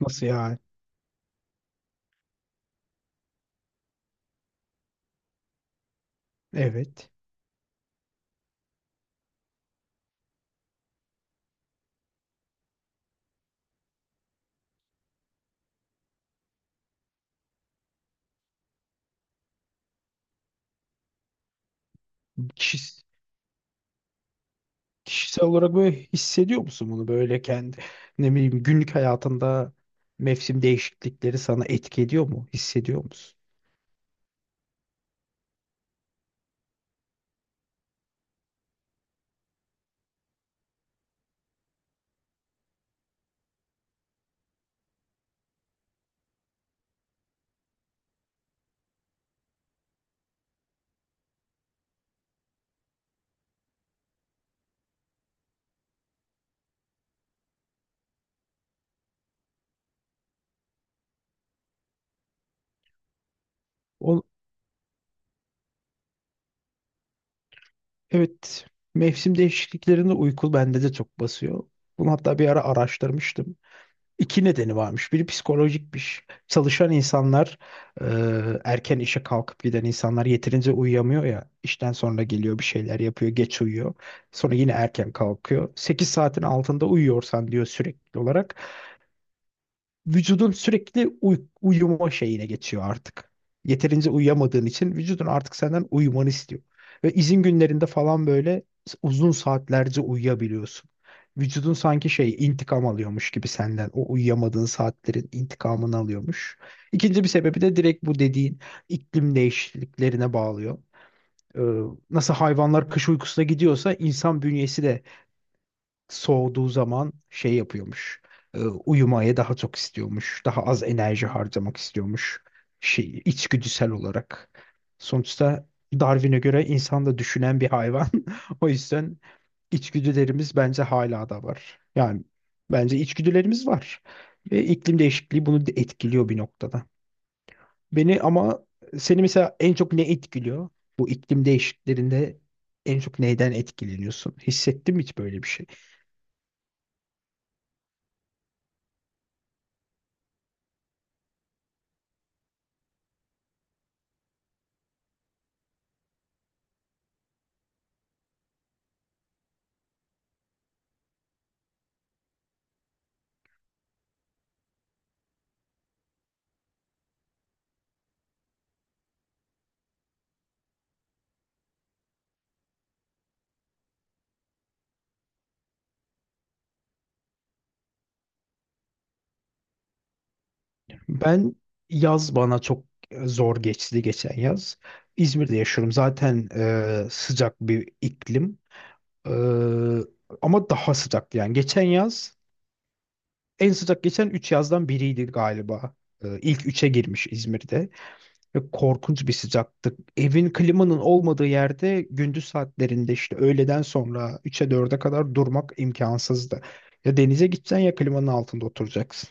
Nasıl yani? Evet. Kişis- Kişisel olarak böyle hissediyor musun, bunu böyle kendi ne bileyim günlük hayatında mevsim değişiklikleri sana etki ediyor mu? Hissediyor musun? O, evet. Mevsim değişikliklerinde uyku bende de çok basıyor. Bunu hatta bir ara araştırmıştım. İki nedeni varmış. Biri psikolojikmiş. Çalışan insanlar, e, erken işe kalkıp giden insanlar yeterince uyuyamıyor ya. İşten sonra geliyor, bir şeyler yapıyor, geç uyuyor. Sonra yine erken kalkıyor. 8 saatin altında uyuyorsan diyor, sürekli olarak vücudun sürekli uyuma şeyine geçiyor artık. Yeterince uyuyamadığın için vücudun artık senden uyumanı istiyor. Ve izin günlerinde falan böyle uzun saatlerce uyuyabiliyorsun. Vücudun sanki şey, intikam alıyormuş gibi senden. O uyuyamadığın saatlerin intikamını alıyormuş. İkinci bir sebebi de direkt bu dediğin iklim değişikliklerine bağlıyor. Ee, nasıl hayvanlar kış uykusuna gidiyorsa insan bünyesi de soğuduğu zaman şey yapıyormuş. Uyumaya daha çok istiyormuş. Daha az enerji harcamak istiyormuş. Şey, içgüdüsel olarak. Sonuçta Darwin'e göre insan da düşünen bir hayvan. O yüzden içgüdülerimiz bence hala da var. Yani bence içgüdülerimiz var. Ve iklim değişikliği bunu de etkiliyor bir noktada. Beni ama, seni mesela en çok ne etkiliyor? Bu iklim değişikliklerinde en çok neyden etkileniyorsun? Hissettin mi hiç böyle bir şey? Ben, yaz bana çok zor geçti geçen yaz. İzmir'de yaşıyorum. Zaten sıcak bir iklim. E, ama daha sıcaktı yani. Geçen yaz en sıcak geçen 3 yazdan biriydi galiba. İlk üçe girmiş İzmir'de. Ve korkunç bir sıcaktı. Evin, klimanın olmadığı yerde gündüz saatlerinde, işte öğleden sonra 3'e 4'e kadar durmak imkansızdı. Ya denize gideceksin ya klimanın altında oturacaksın.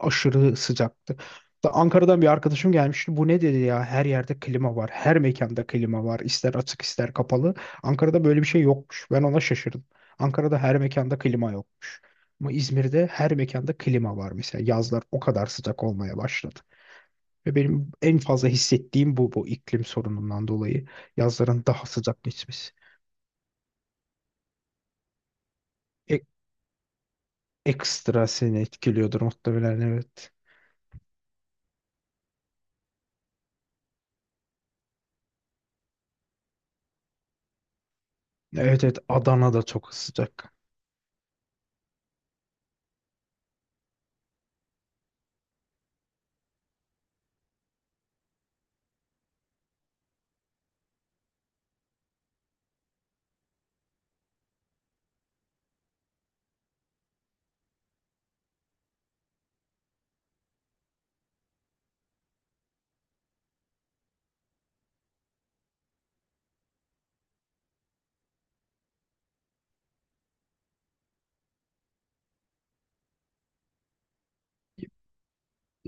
Aşırı sıcaktı. Da Ankara'dan bir arkadaşım gelmişti. Bu ne dedi ya? Her yerde klima var. Her mekanda klima var. İster açık ister kapalı. Ankara'da böyle bir şey yokmuş. Ben ona şaşırdım. Ankara'da her mekanda klima yokmuş. Ama İzmir'de her mekanda klima var mesela. Yazlar o kadar sıcak olmaya başladı. Ve benim en fazla hissettiğim bu iklim sorunundan dolayı yazların daha sıcak geçmesi. E- ekstra seni etkiliyordur muhtemelen, evet. Evet, evet, Adana'da çok sıcak.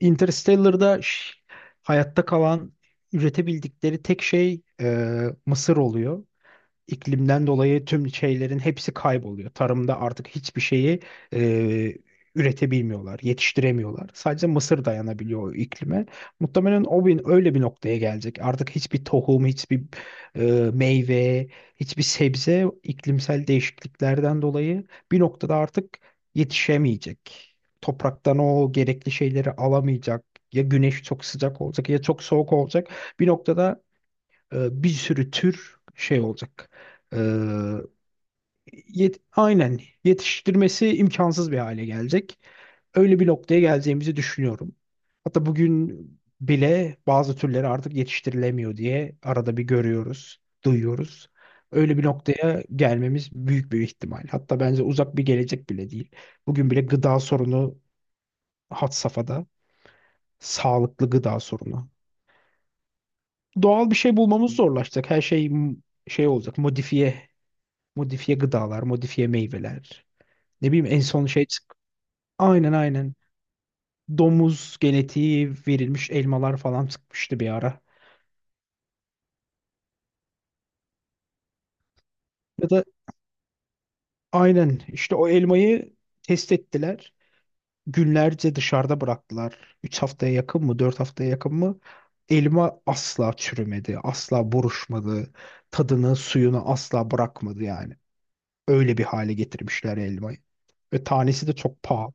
Interstellar'da hayatta kalan, üretebildikleri tek şey mısır oluyor. İklimden dolayı tüm şeylerin hepsi kayboluyor. Tarımda artık hiçbir şeyi e, üretebilmiyorlar, yetiştiremiyorlar. Sadece mısır dayanabiliyor o iklime. Muhtemelen o öyle bir noktaya gelecek. Artık hiçbir tohum, hiçbir e, meyve, hiçbir sebze iklimsel değişikliklerden dolayı bir noktada artık yetişemeyecek. Topraktan o gerekli şeyleri alamayacak. Ya güneş çok sıcak olacak ya çok soğuk olacak. Bir noktada bir sürü tür şey olacak. E, aynen, yetiştirmesi imkansız bir hale gelecek. Öyle bir noktaya geleceğimizi düşünüyorum. Hatta bugün bile bazı türleri artık yetiştirilemiyor diye arada bir görüyoruz, duyuyoruz. Öyle bir noktaya gelmemiz büyük bir ihtimal. Hatta bence uzak bir gelecek bile değil. Bugün bile gıda sorunu had safhada. Sağlıklı gıda sorunu. Doğal bir şey bulmamız zorlaşacak. Her şey şey olacak, modifiye. Modifiye gıdalar, modifiye meyveler. Ne bileyim en son şey çık. Aynen, aynen. Domuz genetiği verilmiş elmalar falan çıkmıştı bir ara. Ya da aynen işte, o elmayı test ettiler. Günlerce dışarıda bıraktılar. 3 haftaya yakın mı, 4 haftaya yakın mı? Elma asla çürümedi, asla buruşmadı. Tadını, suyunu asla bırakmadı yani. Öyle bir hale getirmişler elmayı. Ve tanesi de çok pahalı.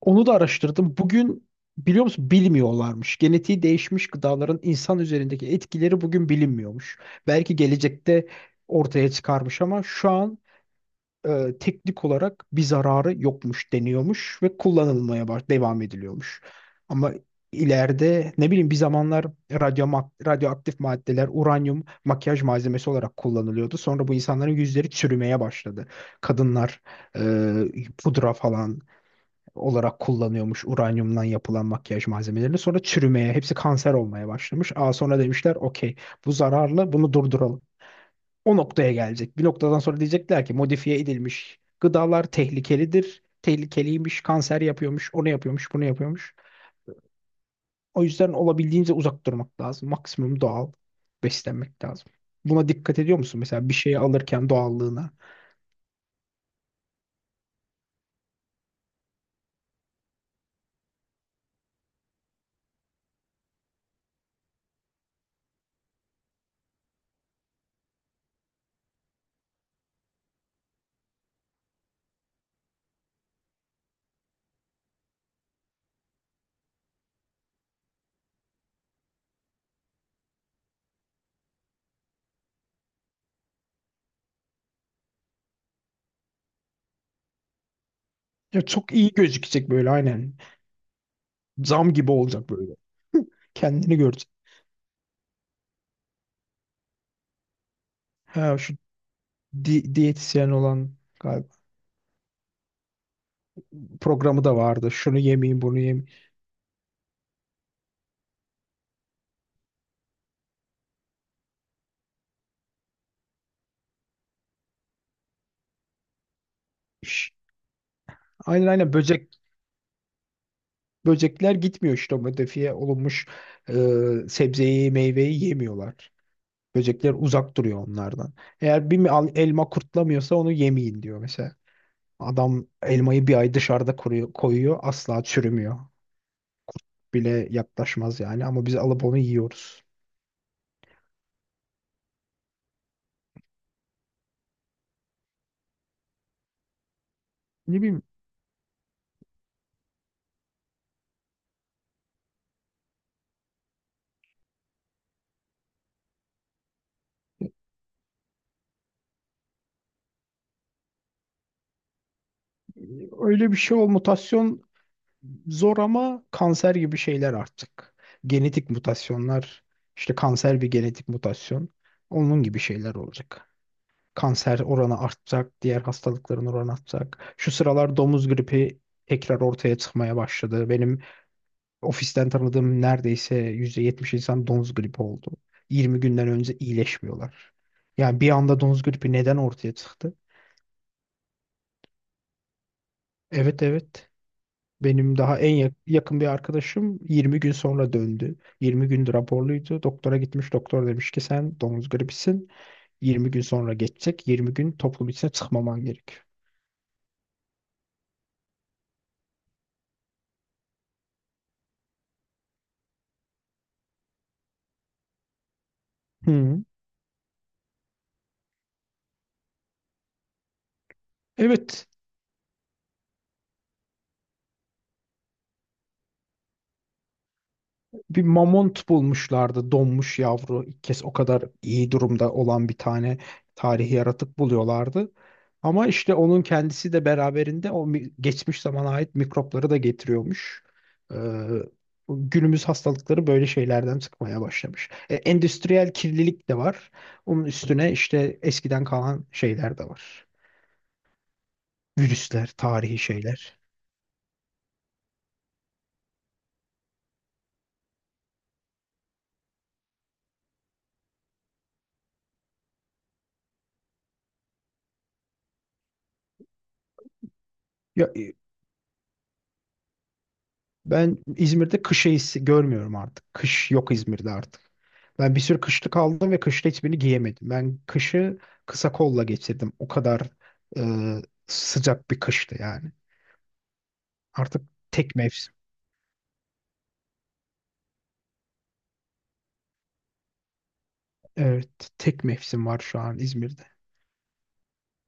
Onu da araştırdım. Bugün, biliyor musun, bilmiyorlarmış. Genetiği değişmiş gıdaların insan üzerindeki etkileri bugün bilinmiyormuş. Belki gelecekte ortaya çıkarmış ama şu an teknik olarak bir zararı yokmuş deniyormuş ve kullanılmaya baş devam ediliyormuş. Ama ileride, ne bileyim, bir zamanlar radyoaktif maddeler, uranyum, makyaj malzemesi olarak kullanılıyordu. Sonra bu insanların yüzleri çürümeye başladı. Kadınlar pudra falan olarak kullanıyormuş uranyumdan yapılan makyaj malzemelerini. Sonra çürümeye, hepsi kanser olmaya başlamış. Aa, sonra demişler okey, bu zararlı, bunu durduralım. O noktaya gelecek. Bir noktadan sonra diyecekler ki modifiye edilmiş gıdalar tehlikelidir. Tehlikeliymiş, kanser yapıyormuş, onu yapıyormuş, bunu yapıyormuş. O yüzden olabildiğince uzak durmak lazım. Maksimum doğal beslenmek lazım. Buna dikkat ediyor musun? Mesela bir şeyi alırken doğallığına. Ya çok iyi gözükecek böyle, aynen. Zam gibi olacak böyle. Kendini görecek. Ha, şu diyetisyen olan galiba, programı da vardı. Şunu yemeyin, bunu yemeyin. Ş- Aynen, aynen, böcekler gitmiyor, işte o modifiye olunmuş e, sebzeyi, meyveyi yemiyorlar. Böcekler uzak duruyor onlardan. Eğer bir elma kurtlamıyorsa onu yemeyin diyor mesela. Adam elmayı bir ay dışarıda kuruyor, koyuyor, asla çürümüyor. Bile yaklaşmaz yani, ama biz alıp onu yiyoruz. Ne bileyim, öyle bir şey o, mutasyon. Zor, ama kanser gibi şeyler artık. Genetik mutasyonlar, işte kanser bir genetik mutasyon. Onun gibi şeyler olacak. Kanser oranı artacak, diğer hastalıkların oranı artacak. Şu sıralar domuz gripi tekrar ortaya çıkmaya başladı. Benim ofisten tanıdığım neredeyse %70 insan domuz gripi oldu. 20 günden önce iyileşmiyorlar. Yani bir anda domuz gripi neden ortaya çıktı? Evet, evet. Benim daha en yakın bir arkadaşım 20 gün sonra döndü. 20 gündür raporluydu. Doktora gitmiş. Doktor demiş ki sen domuz gribisin. 20 gün sonra geçecek. 20 gün toplum içine çıkmaman gerek. Hı. Evet. Bir mamont bulmuşlardı, donmuş yavru. İlk kez o kadar iyi durumda olan bir tane tarihi yaratık buluyorlardı. Ama işte onun kendisi de beraberinde o geçmiş zamana ait mikropları da getiriyormuş. Ee, günümüz hastalıkları böyle şeylerden çıkmaya başlamış. Endüstriyel kirlilik de var. Onun üstüne işte eskiden kalan şeyler de var. Virüsler, tarihi şeyler. Ya, ben İzmir'de kış eğisi görmüyorum artık. Kış yok İzmir'de artık. Ben bir sürü kışlık aldım ve kışta hiçbirini giyemedim. Ben kışı kısa kolla geçirdim. O kadar e, sıcak bir kıştı yani. Artık tek mevsim. Evet, tek mevsim var şu an İzmir'de.